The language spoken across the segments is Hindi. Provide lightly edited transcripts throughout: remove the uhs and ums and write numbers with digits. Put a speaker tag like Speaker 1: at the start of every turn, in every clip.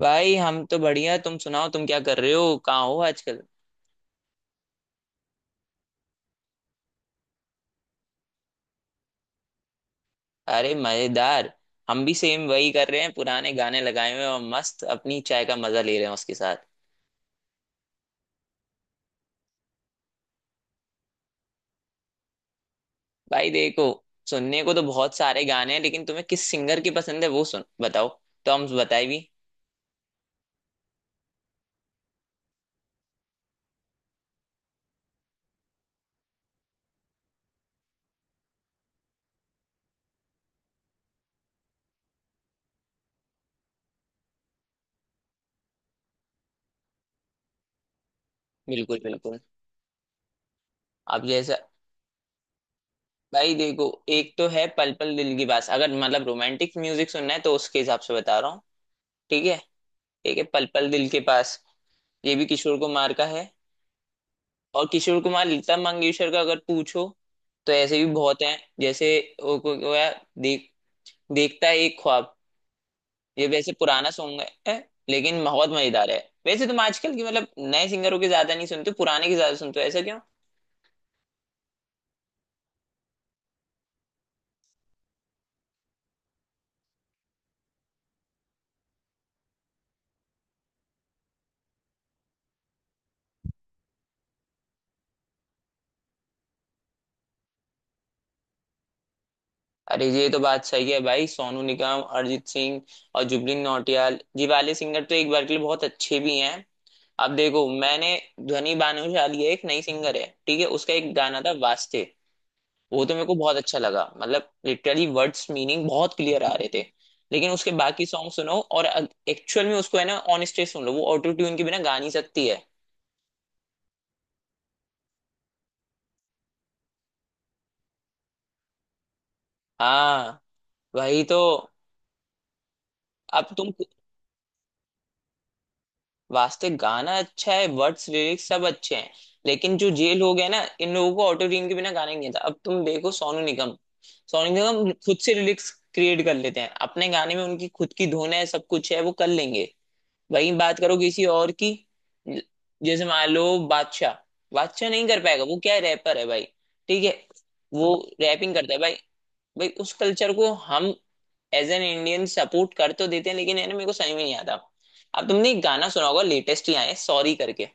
Speaker 1: भाई, हम तो बढ़िया। तुम सुनाओ, तुम क्या कर रहे हो? कहाँ हो आजकल? अरे, मजेदार। हम भी सेम वही कर रहे हैं, पुराने गाने लगाए हुए हैं और मस्त अपनी चाय का मजा ले रहे हैं उसके साथ। भाई, देखो, सुनने को तो बहुत सारे गाने हैं, लेकिन तुम्हें किस सिंगर की पसंद है वो सुन बताओ, तो हम बताए भी। बिल्कुल बिल्कुल। अब जैसा, भाई देखो, एक तो है पल पल दिल के पास। अगर मतलब रोमांटिक म्यूजिक सुनना है तो उसके हिसाब से बता रहा हूँ। ठीक है। एक है पल पल दिल के पास। ये भी किशोर कुमार का है। और किशोर कुमार लता मंगेशकर का अगर पूछो, तो ऐसे भी बहुत हैं। जैसे वो है, देखता है एक ख्वाब। ये वैसे पुराना सॉन्ग है, लेकिन बहुत मजेदार है। वैसे तुम आजकल की मतलब नए सिंगरों के ज्यादा नहीं सुनते, पुराने के ज्यादा सुनते हो, ऐसा क्यों? अरे, ये तो बात सही है भाई। सोनू निगम, अरिजीत सिंह और जुबिन नौटियाल, ये वाले सिंगर तो एक बार के लिए बहुत अच्छे भी हैं। अब देखो, मैंने, ध्वनि भानुशाली है, एक नई सिंगर है, ठीक है। उसका एक गाना था वास्ते। वो तो मेरे को बहुत अच्छा लगा, मतलब लिटरली वर्ड्स मीनिंग बहुत क्लियर आ रहे थे। लेकिन उसके बाकी सॉन्ग सुनो, और एक्चुअल में उसको, है ना, ऑन स्टेज सुन लो, वो ऑटो ट्यून के बिना गा नहीं सकती है। हाँ, वही तो। अब तुम, वास्ते गाना अच्छा है, वर्ड्स लिरिक्स सब अच्छे हैं, लेकिन जो ये लोग हैं ना, इन लोगों को ऑटो ट्यून के बिना गाना ही नहीं आता। अब तुम देखो, सोनू निगम, सोनू निगम खुद से लिरिक्स क्रिएट कर लेते हैं। अपने गाने में उनकी खुद की धुन है, सब कुछ है, वो कर लेंगे। वहीं बात करो किसी और की। ज- जैसे मान लो बादशाह, बादशाह नहीं कर पाएगा। वो क्या है, रैपर है भाई। ठीक है, वो रैपिंग करता है भाई। भाई, उस कल्चर को हम एज एन इंडियन सपोर्ट कर तो देते हैं, लेकिन, है ना, मेरे को समझ में नहीं आता। अब तुमने एक गाना सुना होगा, लेटेस्ट ही आया है सॉरी करके।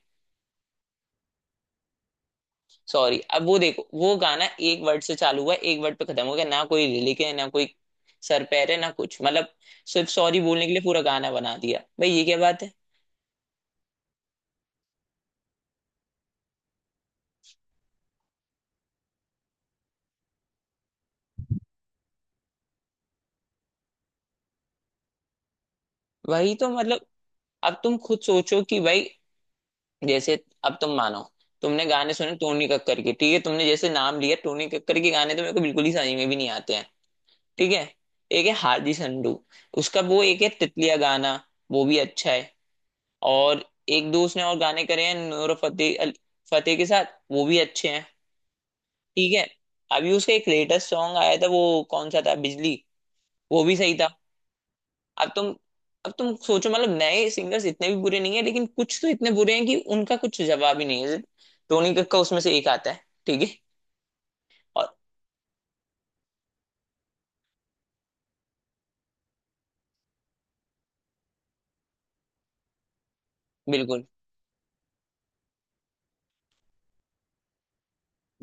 Speaker 1: सॉरी, अब वो देखो, वो गाना एक वर्ड से चालू हुआ, एक वर्ड पे खत्म हो गया। ना कोई लिरिक है, ना कोई सर पैर है, ना कुछ मतलब। सिर्फ सॉरी बोलने के लिए पूरा गाना बना दिया भाई, ये क्या बात है? वही तो मतलब। अब तुम खुद सोचो कि भाई, जैसे, अब तुम मानो, तुमने गाने सुने टोनी कक्कर के, ठीक है, तुमने जैसे नाम लिया टोनी कक्कर के, गाने तो मेरे को बिल्कुल ही समझ में भी नहीं आते हैं। ठीक है। एक है हार्दी संडू। उसका वो एक है तितलिया गाना, वो भी अच्छा है। और एक दो उसने और गाने करे हैं नूर फतेह फतेह के साथ, वो भी अच्छे हैं। ठीक है। अभी उसका एक लेटेस्ट सॉन्ग आया था, वो कौन सा था, बिजली, वो भी सही था। अब तुम, अब तुम सोचो मतलब नए सिंगर्स इतने भी बुरे नहीं है, लेकिन कुछ तो इतने बुरे हैं कि उनका कुछ जवाब ही नहीं है। टोनी कक्का उसमें से एक आता है। ठीक है। और बिल्कुल।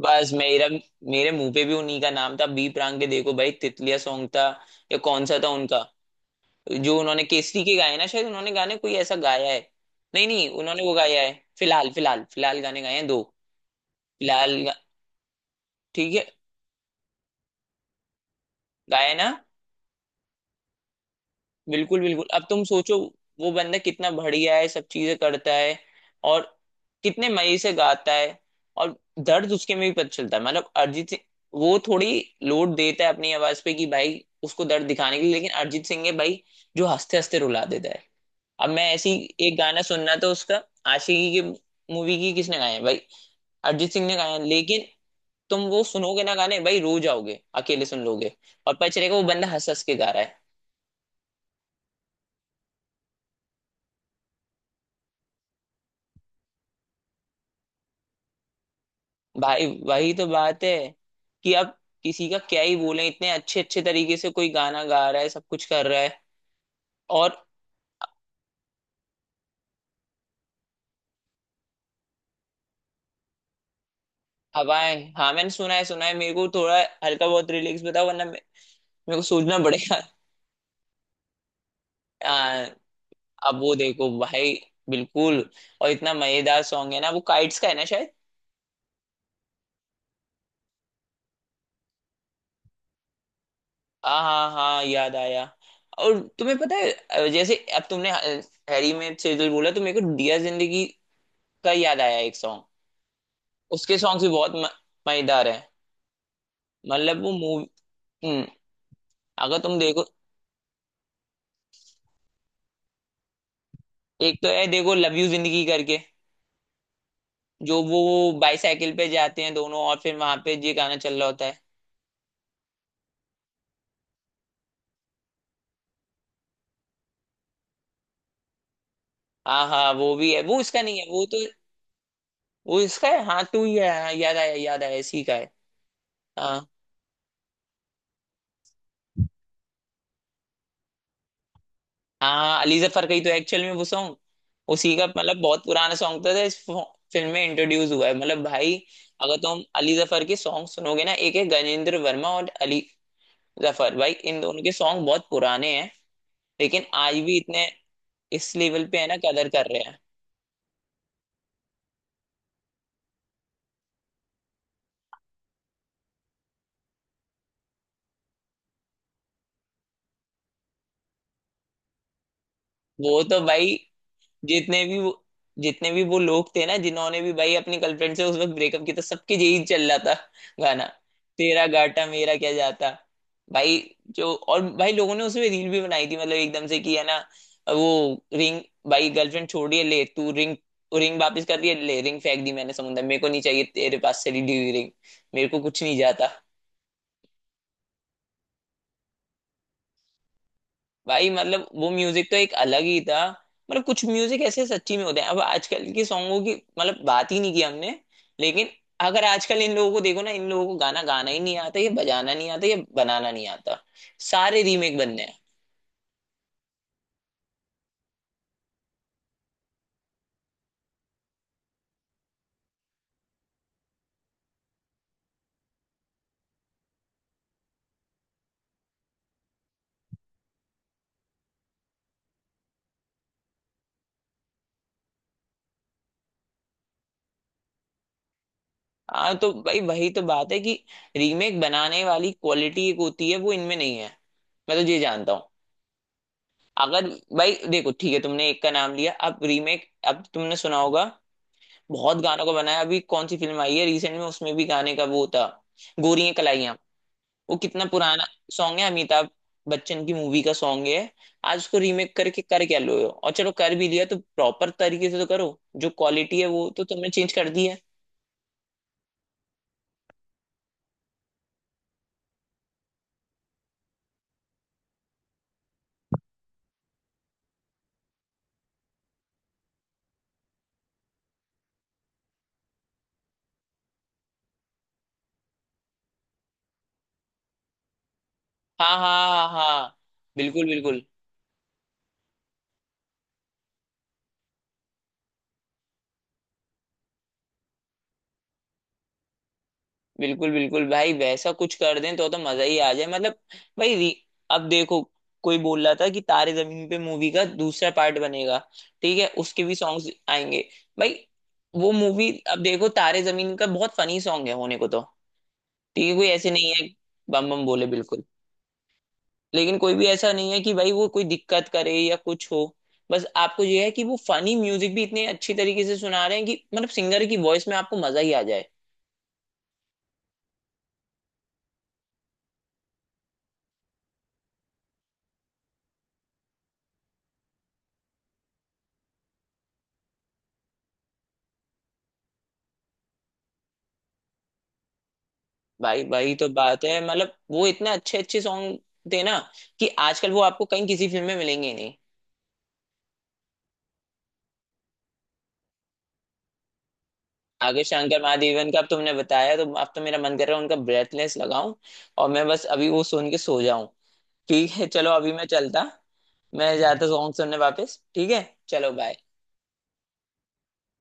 Speaker 1: बस मेरा मेरे मुंह पे भी उन्हीं का नाम था, बी प्राक के। देखो भाई, तितलिया सॉन्ग था, या कौन सा था उनका जो उन्होंने केसरी के गाए ना, शायद उन्होंने गाने कोई ऐसा गाया है। नहीं नहीं, उन्होंने वो गाया है, फिलहाल। फिलहाल फिलहाल गाने गाए हैं दो। फिलहाल ठीक है, गाया है ना। बिल्कुल बिल्कुल। अब तुम सोचो, वो बंदा कितना बढ़िया है, सब चीजें करता है, और कितने मजे से गाता है। और दर्द उसके में भी पता चलता है, मतलब अरिजीत सिंह। वो थोड़ी लोड देता है अपनी आवाज पे कि भाई, उसको दर्द दिखाने के लिए, लेकिन अरिजीत सिंह है भाई, जो हंसते हंसते रुला देता है। अब मैं ऐसी एक गाना सुनना था उसका, आशिकी की मूवी की, किसने गाया है भाई? अरिजीत सिंह ने गाया है, लेकिन तुम वो सुनोगे ना गाने भाई, रो जाओगे अकेले सुन लोगे। और पता चलेगा वो बंदा हंस हंस के गा रहा है। भाई वही तो बात है कि अब किसी का क्या ही बोले, इतने अच्छे अच्छे तरीके से कोई गाना गा रहा है, सब कुछ कर रहा है। और हवाएं, हाँ, मैंने सुना है, सुना है। मेरे को थोड़ा हल्का बहुत रिलैक्स बताओ, वरना मेरे को सोचना पड़ेगा। आ, अब वो देखो भाई, बिल्कुल। और इतना मजेदार सॉन्ग है ना, वो काइट्स का है ना शायद। हाँ हाँ हाँ, याद आया। और तुम्हें पता है, जैसे अब तुमने, हैरी में से जो बोला, तो मेरे को दिया जिंदगी का याद आया, एक सॉन्ग। उसके सॉन्ग्स भी बहुत मजेदार है। मतलब वो मूवी अगर तुम देखो, एक तो है देखो, लव यू जिंदगी करके, जो वो बाईसाइकिल पे जाते हैं दोनों और फिर वहां पे ये गाना चल रहा होता है। हाँ हाँ, वो भी है। वो इसका नहीं है, वो तो, वो इसका है, हाँ, टू ही है, हाँ, याद आया याद आया, इसी का है। हाँ हाँ, अली जफर का ही तो एक्चुअल में वो सॉन्ग, उसी का। मतलब बहुत पुराना सॉन्ग था, इस फिल्म में इंट्रोड्यूस हुआ है। मतलब भाई, अगर तुम अली जफर के सॉन्ग सुनोगे ना, एक है गजेंद्र वर्मा और अली जफर, भाई इन दोनों के सॉन्ग बहुत पुराने हैं, लेकिन आज भी इतने इस लेवल पे है ना, कदर कर रहे हैं। वो तो भाई जितने भी वो जितने भी वो लोग थे ना, जिन्होंने भी भाई अपनी गर्लफ्रेंड से उस वक्त ब्रेकअप किया था, सबके यही चल रहा था गाना, तेरा घाटा मेरा क्या जाता। भाई, जो और भाई लोगों ने उसमें रील भी बनाई थी, मतलब एकदम से कि है ना, वो रिंग, भाई गर्लफ्रेंड छोड़ रही है, ले तू रिंग, रिंग वापस कर रही है, ले, रिंग फेंक दी मैंने समुद्र में। मेरे को नहीं चाहिए तेरे पास से ली हुई रिंग, मेरे को कुछ नहीं जाता। भाई मतलब वो म्यूजिक तो एक अलग ही था, मतलब कुछ म्यूजिक ऐसे सच्ची में होते हैं। अब आजकल के सॉन्गों की मतलब बात ही नहीं की हमने। लेकिन अगर आजकल इन लोगों को देखो ना, इन लोगों को गाना गाना ही नहीं आता, ये बजाना नहीं आता, ये बनाना नहीं आता, सारे रीमेक बनने हैं। हाँ तो भाई वही तो बात है कि रीमेक बनाने वाली क्वालिटी एक होती है, वो इनमें नहीं है। मैं तो ये जानता हूँ। अगर, भाई देखो, ठीक है, तुमने एक का नाम लिया। अब रीमेक, अब तुमने सुना होगा बहुत गानों का बनाया। अभी कौन सी फिल्म आई है रिसेंट में, उसमें भी गाने का वो था, गोरियां कलाइयां। वो कितना पुराना सॉन्ग है, अमिताभ बच्चन की मूवी का सॉन्ग है। आज उसको रीमेक करके कर क्या लो हो? और चलो, कर भी लिया तो प्रॉपर तरीके से तो करो। जो क्वालिटी है वो तो तुमने चेंज कर दी है। हाँ हाँ हाँ हाँ, बिल्कुल बिल्कुल बिल्कुल बिल्कुल। भाई वैसा कुछ कर दें तो मजा ही आ जाए। मतलब भाई, अब देखो, कोई बोल रहा था कि तारे जमीन पे मूवी का दूसरा पार्ट बनेगा, ठीक है, उसके भी सॉन्ग्स आएंगे। भाई वो मूवी, अब देखो तारे जमीन का बहुत फनी सॉन्ग है होने को तो, ठीक है, कोई ऐसे नहीं है। बम बम बोले, बिल्कुल। लेकिन कोई भी ऐसा नहीं है कि भाई वो कोई दिक्कत करे या कुछ हो। बस आपको ये है कि वो फनी म्यूजिक भी इतने अच्छी तरीके से सुना रहे हैं कि मतलब सिंगर की वॉइस में आपको मजा ही आ जाए। भाई, भाई तो बात है मतलब वो इतने अच्छे अच्छे सॉन्ग थे ना कि आजकल वो आपको कहीं किसी फिल्म में मिलेंगे ही नहीं। आगे शंकर महादेवन का अब तुमने बताया, तो अब तो मेरा मन कर रहा है उनका ब्रेथलेस लगाऊं, और मैं बस अभी वो सुन के सो जाऊं। ठीक है, चलो, अभी मैं चलता, मैं जाता सॉन्ग सुनने वापस। ठीक है। चलो, बाय।